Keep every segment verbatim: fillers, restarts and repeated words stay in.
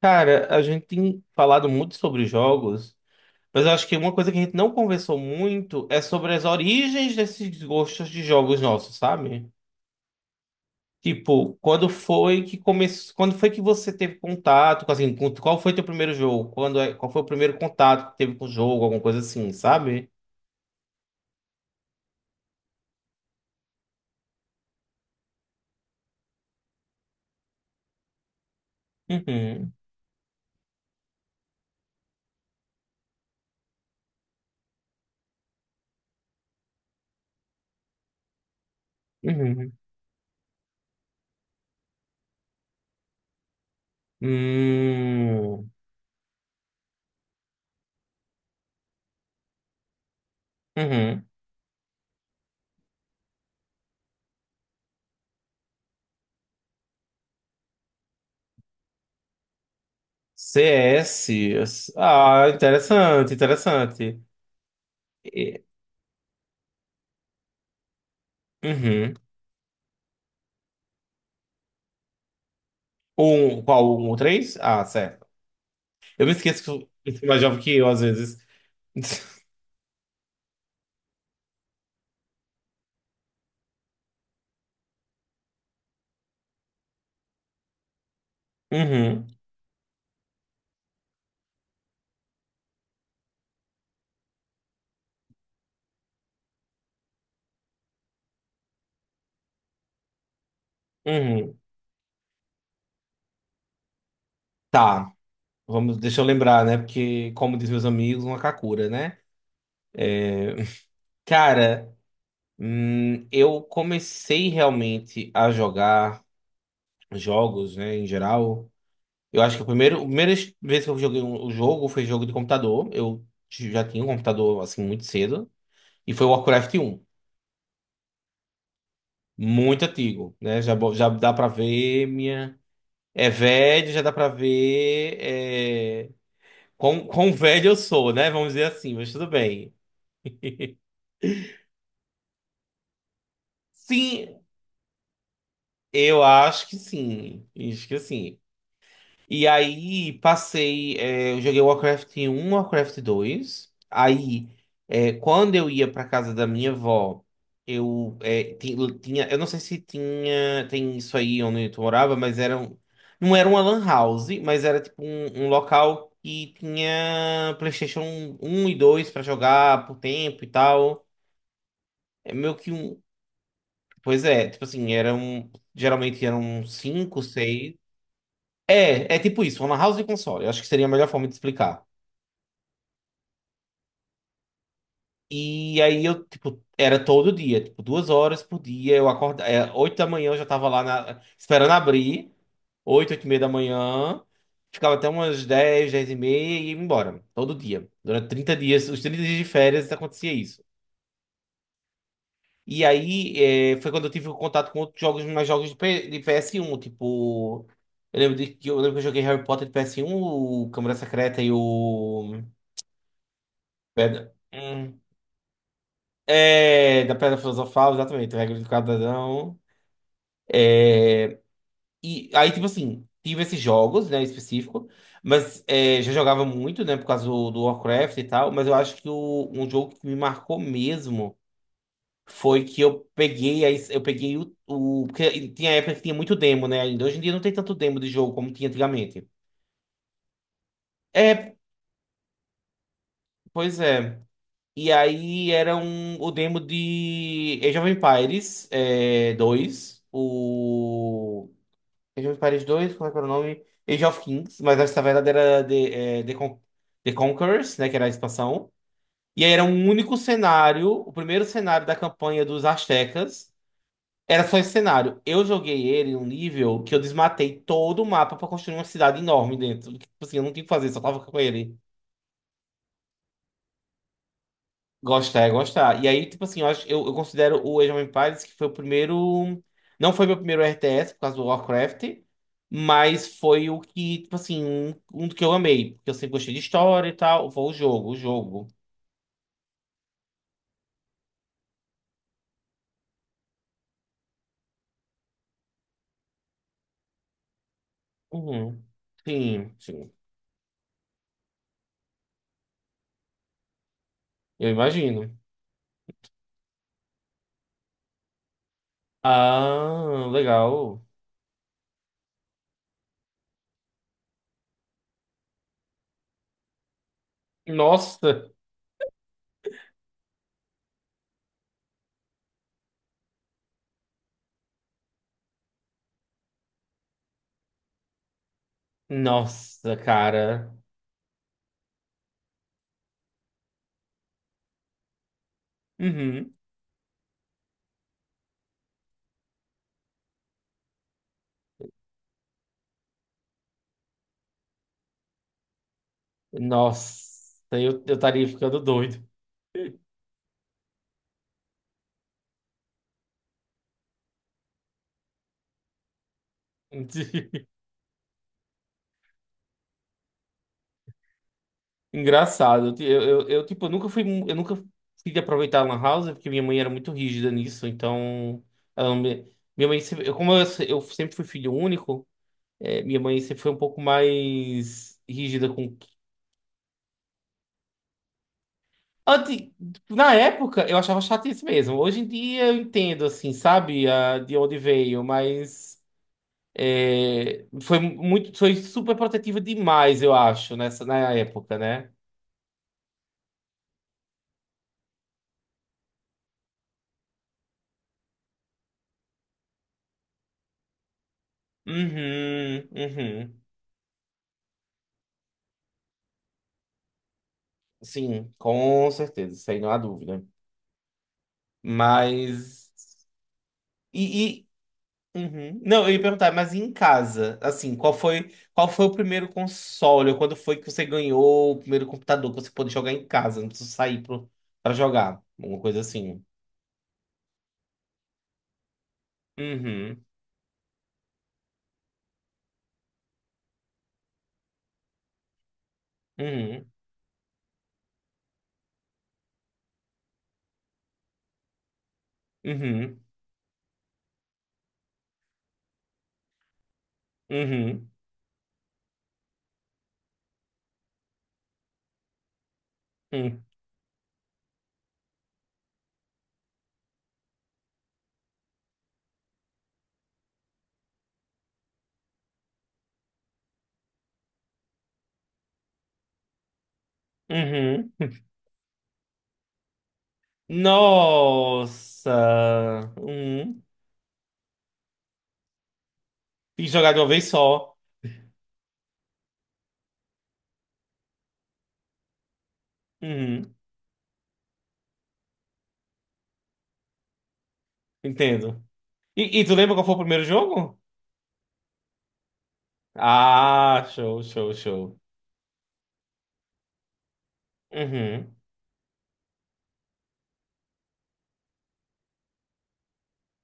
Cara, a gente tem falado muito sobre jogos, mas eu acho que uma coisa que a gente não conversou muito é sobre as origens desses gostos de jogos nossos, sabe? Tipo, quando foi que começou, quando foi que você teve contato com assim, com- qual foi teu primeiro jogo? Quando é- qual foi o primeiro contato que teve com o jogo, alguma coisa assim, sabe? Uhum. Uhum. Hum, uhum. C S. Ah, interessante, interessante. E- Uhum. um, qual? Um, o três? Ah, certo. Eu me esqueço que eu eu sou mais jovem que eu, às vezes. Uhum, uhum. Tá, vamos, deixa eu lembrar, né? Porque, como diz meus amigos, uma kakura, né? Cara, hum, eu comecei realmente a jogar jogos, né, em geral. Eu acho que a primeira, a primeira vez que eu joguei um, um jogo foi jogo de computador. Eu já tinha um computador, assim, muito cedo. E foi o Warcraft um. Muito antigo, né? Já, bo- já dá pra ver minha. É velho, já dá pra ver é, quão, quão velho eu sou, né? Vamos dizer assim, mas tudo bem. Sim, eu acho que sim. Acho que sim. E aí passei, é, eu joguei Warcraft um, Warcraft dois. Aí, é, quando eu ia pra casa da minha avó, eu é, ti- tinha, eu não sei se tinha, tem isso aí onde tu morava, mas era um, não era uma lan house, mas era tipo um, um local que tinha PlayStation um e dois pra jogar por tempo e tal. É meio que um, pois é, tipo assim, era um, geralmente eram cinco seis. É, é tipo isso, uma house de console. Eu acho que seria a melhor forma de explicar. E aí eu, tipo, era todo dia, tipo, duas horas por dia. Eu acordava, é, oito da manhã eu já tava lá na- esperando abrir, oito, oito e meia da manhã. Ficava até umas dez, dez e meia e ia embora, todo dia. Durante trinta dias, os trinta dias de férias acontecia isso. E aí é, foi quando eu tive contato com outros jogos, mais jogos de, P- de P S um, tipo. Eu lembro, de, que eu lembro que eu joguei Harry Potter de P S um, o Câmara Secreta e o. Bad- Hum. É, da Pedra Filosofal, exatamente, Regra do Quadradão. É, e aí, tipo assim, tive esses jogos, né, em específico, mas é, já jogava muito, né, por causa do, do Warcraft e tal, mas eu acho que o, um jogo que me marcou mesmo foi que eu peguei, aí, eu peguei o, o... Porque tinha época que tinha muito demo, né, ainda. Hoje em dia não tem tanto demo de jogo como tinha antigamente. É, pois é. E aí era um, o demo de Age of Empires é, dois, o... Age of Empires dois, como é que era o nome? Age of Kings, mas essa verdade era The, é, The, Con The Conquerors, né? Que era a expansão. E aí era um único cenário, o primeiro cenário da campanha dos Aztecas. Era só esse cenário. Eu joguei ele em um nível que eu desmatei todo o mapa pra construir uma cidade enorme dentro. Tipo assim, eu não tinha o que fazer, só tava com ele. Gostar é gostar. E aí, tipo assim, eu, acho, eu, eu considero o Age of Empires que foi o primeiro. Não foi meu primeiro R T S por causa do Warcraft, mas foi o que, tipo assim, um, um do que eu amei. Porque eu sempre gostei de história e tal. Foi o jogo, o jogo. Uhum. Sim, sim. Eu imagino. Ah, legal. Nossa, nossa, cara. Uhum. Nossa, eu, eu estaria ficando doido. Engraçado. Eu, ti- eu, eu, eu, tipo, eu nunca fui, mu- eu nunca fui de aproveitar a Lan House, porque minha mãe era muito rígida nisso, então ela não me- minha mãe sempre, eu- como eu, se- eu sempre fui filho único, eh, minha mãe sempre foi um pouco mais rígida com. Antes, na época eu achava chato isso mesmo. Hoje em dia eu entendo assim, sabe, a, de onde veio, mas eh, foi muito, foi super protetiva demais, eu acho, nessa na época, né? Uhum, uhum. Sim, com certeza, isso aí não há dúvida. Mas. E, e- uhum. Não, eu ia perguntar, mas em casa, assim, qual foi, qual foi o primeiro console? Ou quando foi que você ganhou o primeiro computador que você pôde jogar em casa? Não precisa sair pro, pra jogar. Uma coisa assim. Uhum, uhum, uhum, uhum, uhum, uhum. Nossa! Uhum. E jogar de uma vez só. Uhum. Entendo. E, e tu lembra qual foi o primeiro jogo? Ah, show, show, show. Uhum,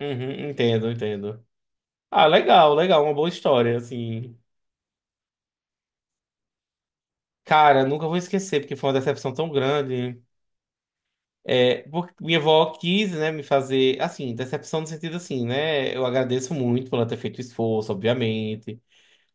uhum, entendo, entendo. Ah, legal, legal, uma boa história, assim. Cara, nunca vou esquecer, porque foi uma decepção tão grande. É, porque minha avó quis, né, me fazer, assim, decepção no sentido assim, né? Eu agradeço muito por ela ter feito esforço, obviamente.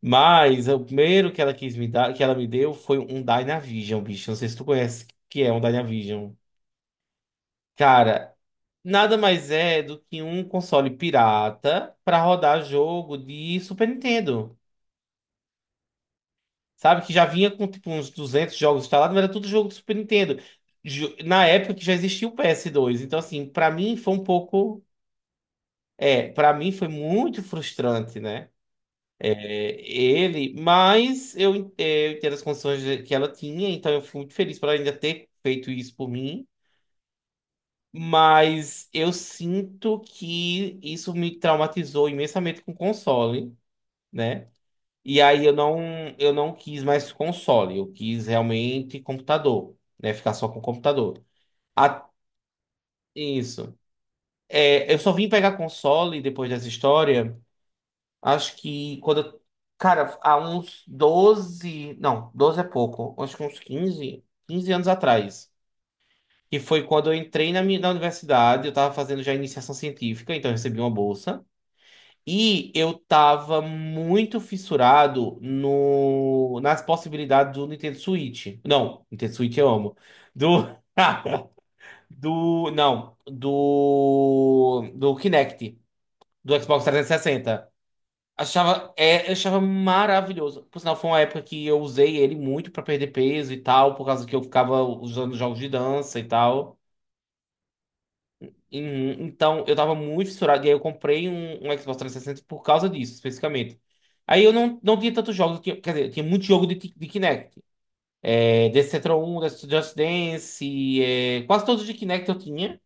Mas o primeiro que ela quis me dar, que ela me deu, foi um Dynavision, bicho. Não sei se tu conhece o que é um Dynavision. Cara, nada mais é do que um console pirata para rodar jogo de Super Nintendo. Sabe, que já vinha com tipo uns duzentos jogos instalados, mas era tudo jogo do Super Nintendo. Ju- Na época que já existia o P S dois. Então, assim, para mim foi um pouco. É, para mim foi muito frustrante, né? É, ele, mas eu, en- é, eu entendo as condições de- que ela tinha, então eu fico muito feliz por ela ainda ter feito isso por mim. Mas eu sinto que isso me traumatizou imensamente com o console, né? E aí eu não, eu não quis mais console, eu quis realmente computador, né? Ficar só com computador. A- isso. É, eu só vim pegar console depois dessa história, acho que quando. eu- Cara, há uns doze. Não, doze é pouco. Acho que uns quinze quinze anos atrás. Que foi quando eu entrei na, minha- na universidade, eu tava fazendo já iniciação científica, então eu recebi uma bolsa. E eu tava muito fissurado no, nas possibilidades do Nintendo Switch. Não, Nintendo Switch eu amo. Do. do. Não. Do. Do Kinect. Do Xbox trezentos e sessenta. Achava, é, eu achava maravilhoso. Por sinal, foi uma época que eu usei ele muito pra perder peso e tal, por causa que eu ficava usando jogos de dança e tal. Uhum, então, eu tava muito fissurado, e aí eu comprei um, um Xbox trezentos e sessenta por causa disso, especificamente. Aí eu não, não tinha tantos jogos, eu tinha- quer dizer, eu tinha muito jogo de, Ti- de Kinect. É, Dance Central um, Dance- Just Dance, é, quase todos de Kinect eu tinha,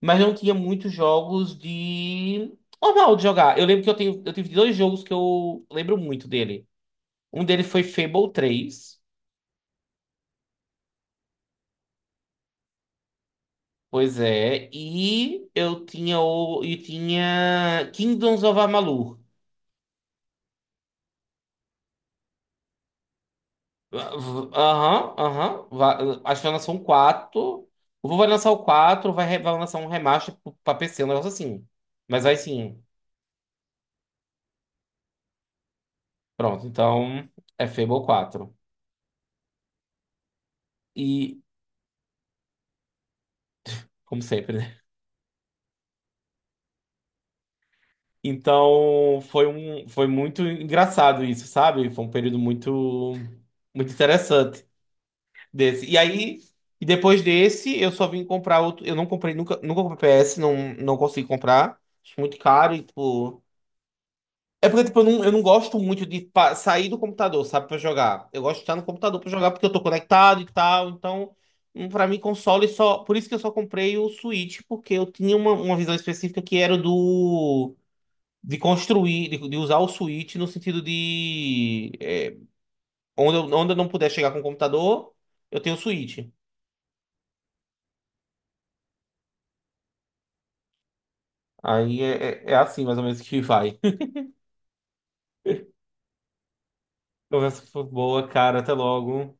mas não tinha muitos jogos de... normal de jogar. Eu lembro que eu, tenho, eu tive dois jogos que eu lembro muito dele. Um dele foi Fable três, pois é, e eu tinha, o, e tinha Kingdoms of Amalur. Aham, aham. Vai- Acho que vai lançar um quatro. O Vu vai lançar o quatro vai, re- vai lançar um remaster pro- pra P C, um negócio assim. Mas vai sim. Pronto, então é Fable quatro. E, como sempre, né? Então foi, um, foi muito engraçado isso, sabe? Foi um período muito, muito interessante desse. E aí, e depois desse, eu só vim comprar outro. Eu não comprei, nunca, nunca comprei P S, não, não consegui comprar. Acho muito caro e, tipo. É porque, tipo, eu não, eu não gosto muito de pa- sair do computador, sabe, pra jogar. Eu gosto de estar no computador pra jogar porque eu tô conectado e tal. Então, hum, pra mim, console só. Por isso que eu só comprei o Switch, porque eu tinha uma, uma visão específica que era do. De construir, de, de usar o Switch no sentido de. é, onde, eu, onde eu não puder chegar com o computador, eu tenho o Switch. Aí é, é é assim, mais ou menos, que vai. Conversa foi boa, cara. Até logo.